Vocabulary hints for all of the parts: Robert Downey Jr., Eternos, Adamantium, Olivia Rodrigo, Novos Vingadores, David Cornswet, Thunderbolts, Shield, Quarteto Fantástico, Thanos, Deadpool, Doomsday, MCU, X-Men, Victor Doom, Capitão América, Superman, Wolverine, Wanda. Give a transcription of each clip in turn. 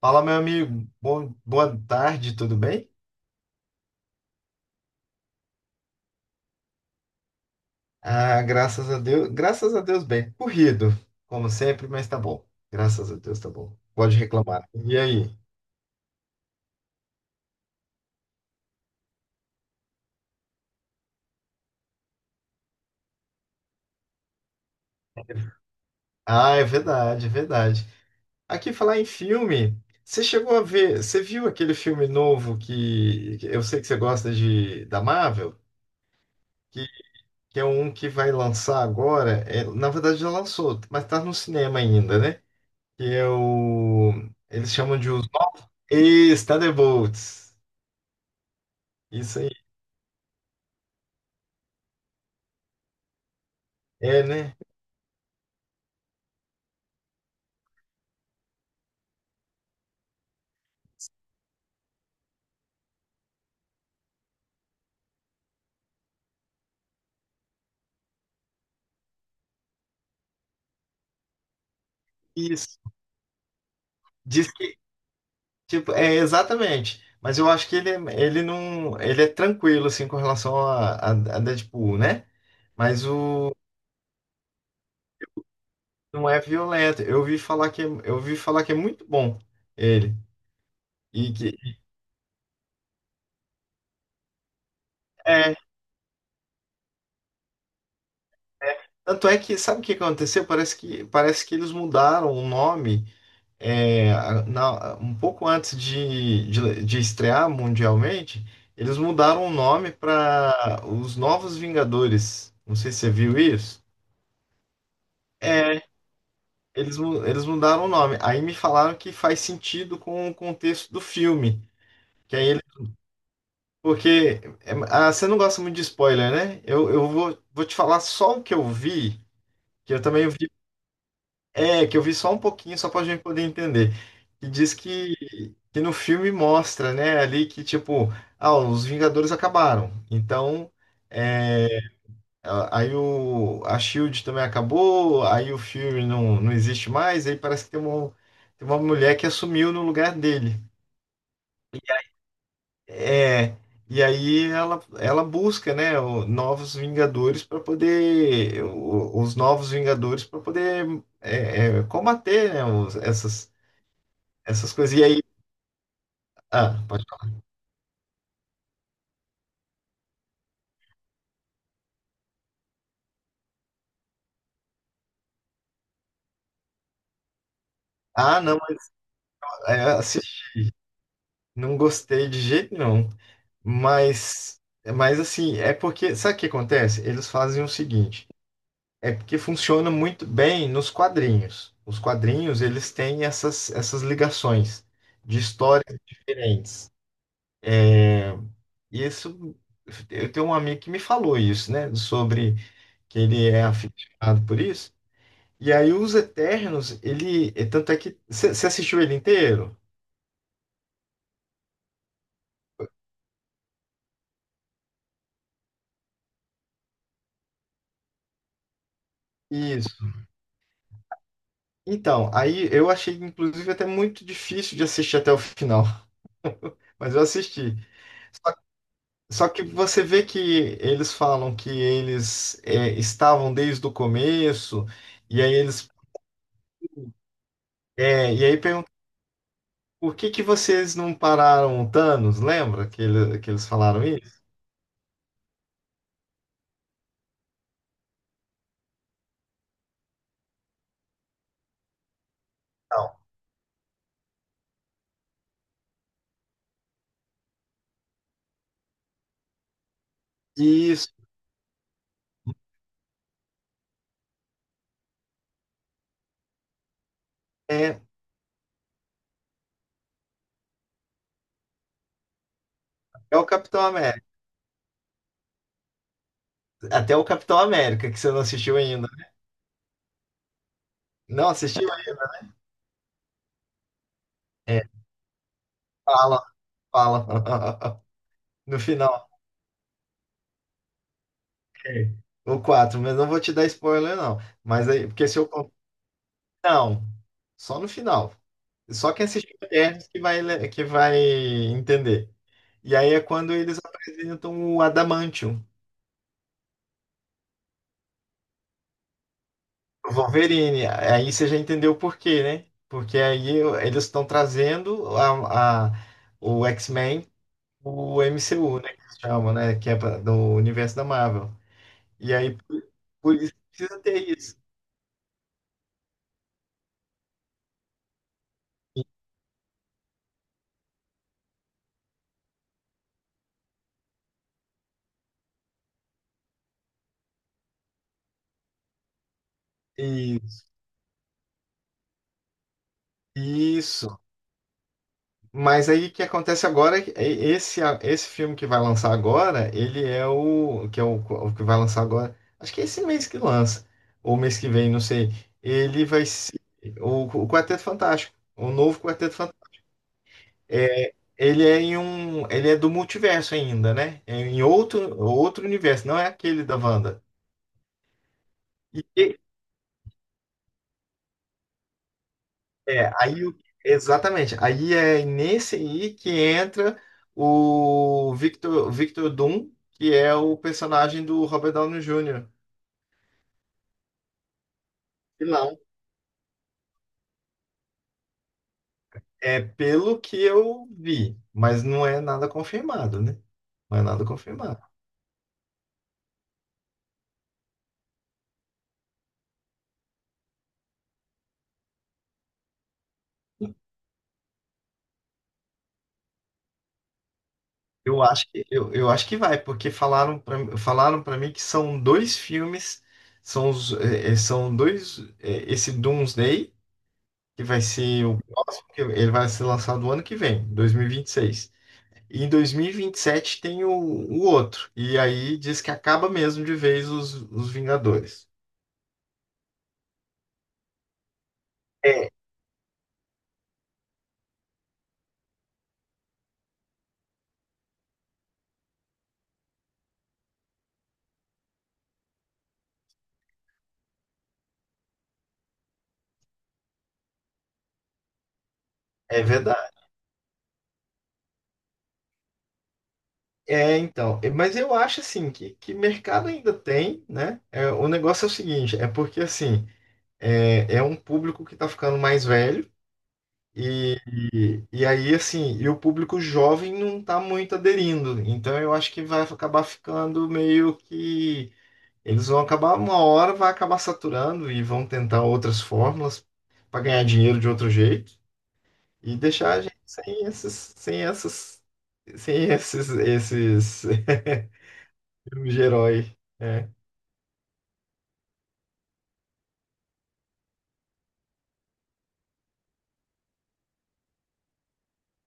Fala, meu amigo. Boa tarde, tudo bem? Ah, graças a Deus. Graças a Deus, bem. Corrido, como sempre, mas tá bom. Graças a Deus, tá bom. Pode reclamar. E aí? Ah, é verdade, é verdade. Aqui falar em filme, você chegou a ver, você viu aquele filme novo que eu sei que você gosta de da Marvel, que, que é um que vai lançar agora. É, na verdade já lançou, mas tá no cinema ainda, né? Que é o eles chamam de os thunderbolts. Isso aí, é, né? Isso. Diz que, tipo, é exatamente. Mas eu acho que ele, ele não, ele é tranquilo, assim, com relação a Deadpool, né? Mas o não é violento. Eu ouvi falar que, eu ouvi falar que é muito bom ele. E que, é, é. Tanto é que, sabe o que aconteceu? Parece que eles mudaram o nome, é, um pouco antes de estrear mundialmente, eles mudaram o nome para os Novos Vingadores. Não sei se você viu isso. É, eles mudaram o nome. Aí me falaram que faz sentido com o contexto do filme. Que aí ele, porque é, ah, você não gosta muito de spoiler, né? Eu vou te falar só o que eu vi, que eu também vi. É, que eu vi só um pouquinho, só pra gente poder entender. E diz que no filme mostra, né, ali que tipo, ah, os Vingadores acabaram. Então, é, aí a Shield também acabou, aí o filme não, não existe mais, aí parece que tem uma mulher que assumiu no lugar dele. É, e aí ela busca, né, novos Vingadores para poder, os novos Vingadores para poder, combater, né, essas essas coisas. E aí. Ah, pode falar. Ah, não, mas, é, assim, não gostei de jeito nenhum. Mas, mas assim, é porque. Sabe o que acontece? Eles fazem o seguinte. É porque funciona muito bem nos quadrinhos. Os quadrinhos, eles têm essas, essas ligações de histórias diferentes. É, e isso, eu tenho um amigo que me falou isso, né? Sobre que ele é aficionado por isso. E aí, os Eternos, ele. Tanto é que. Você assistiu ele inteiro? Isso. Então, aí eu achei, inclusive, até muito difícil de assistir até o final, mas eu assisti. Só, só que você vê que eles falam que eles, é, estavam desde o começo, e aí eles. É, e aí perguntam por que que vocês não pararam o Thanos? Lembra que eles falaram isso? Não. Isso é, é o Capitão América. Até o Capitão América, que você não assistiu ainda. Não assistiu ainda? É, fala, fala. No final. É. O 4, mas não vou te dar spoiler, não. Mas aí, porque se eu contar. Não, só no final. Só quem assistiu Eternos que vai, que vai entender. E aí é quando eles apresentam o Adamantium, o Wolverine. Aí você já entendeu o porquê, né? Porque aí eles estão trazendo o X-Men, o MCU, né? Que eles chamam, né? Que é do universo da Marvel. E aí, por isso, precisa ter isso. E- Isso. Mas aí o que acontece agora é que esse esse filme que vai lançar agora, ele é o que vai lançar agora. Acho que é esse mês que lança ou mês que vem, não sei. Ele vai ser o Quarteto Fantástico, o novo Quarteto Fantástico. É, ele é em um, ele é do multiverso ainda, né? É em outro universo, não é aquele da Wanda. E, é, exatamente. Aí é nesse aí que entra o Victor, Victor Doom, que é o personagem do Robert Downey Jr. Vilão. É pelo que eu vi, mas não é nada confirmado, né? Não é nada confirmado. Eu acho que vai, porque falaram para mim que são dois filmes, são, os, são dois, esse Doomsday, que vai ser ele vai ser lançado ano que vem, 2026. E em 2027 tem o outro. E aí diz que acaba mesmo de vez os Vingadores. É, é verdade. Mas eu acho assim que mercado ainda tem, né? É, o negócio é o seguinte, é porque assim, é, é um público que tá ficando mais velho, e aí assim, e o público jovem não tá muito aderindo. Então eu acho que vai acabar ficando meio que eles vão acabar, uma hora vai acabar saturando e vão tentar outras fórmulas para ganhar dinheiro de outro jeito e deixar a gente sem esses, sem essas, sem esses, esses filmes de herói. É,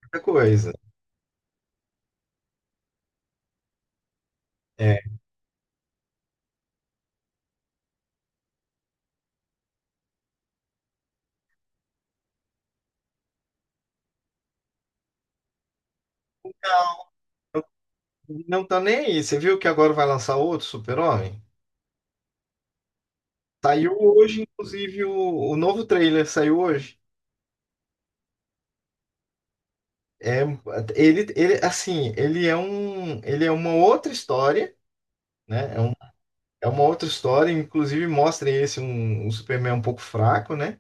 muita coisa. É. Não tá nem aí. Você viu que agora vai lançar outro Super-Homem? Saiu hoje, inclusive, o novo trailer saiu hoje. É, assim, ele é uma outra história, né? É um. É uma outra história, inclusive mostra um Superman um pouco fraco, né?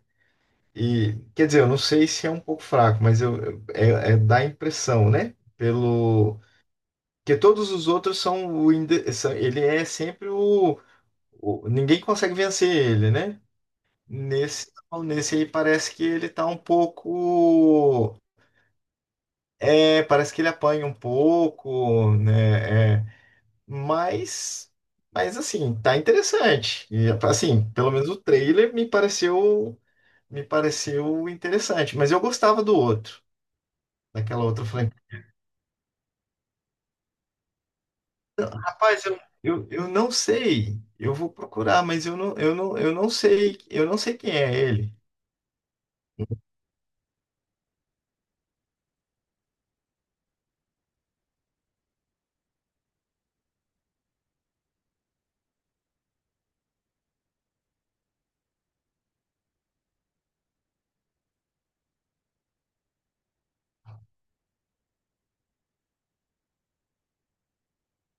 E quer dizer, eu não sei se é um pouco fraco, mas dá a impressão, né? Pelo que todos os outros são ele é sempre ninguém consegue vencer ele, né? Nesse nesse aí parece que ele tá um pouco, é, parece que ele apanha um pouco, né? É, Mas, mas assim, tá interessante. E assim, pelo menos o trailer me pareceu interessante. Mas eu gostava do outro, daquela outra. Eu falei, rapaz, eu não sei. Eu vou procurar, eu não sei quem é ele.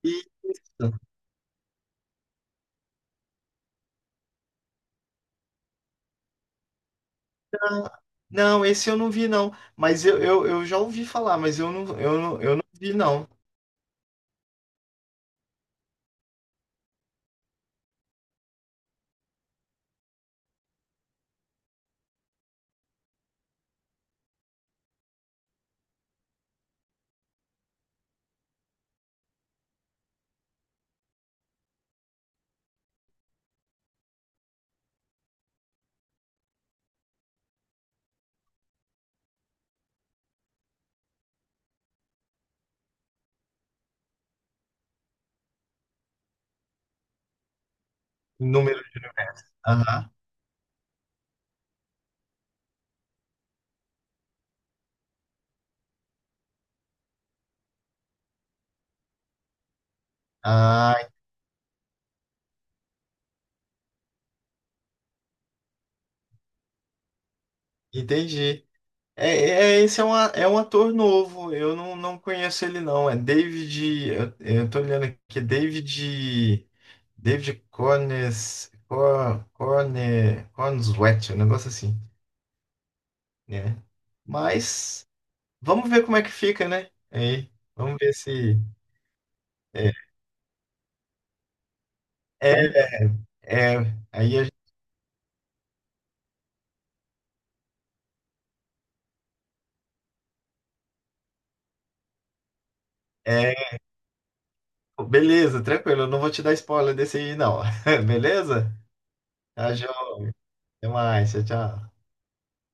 Isso. Não, esse eu não vi não. Mas eu já ouvi falar, eu não vi não. Número de universo. Aham. Ah, entendi. Esse é, uma, é um ator novo, eu não, não conheço ele não. É David. Eu tô olhando aqui, é David. David Cornes, Cor, Corne, Cornswet, um negócio assim, né? Mas vamos ver como é que fica, né? Aí, vamos ver se. É, é, é, aí a- é, beleza, tranquilo, eu não vou te dar spoiler desse aí, não. Beleza? Tá, João, até mais, tchau, tchau.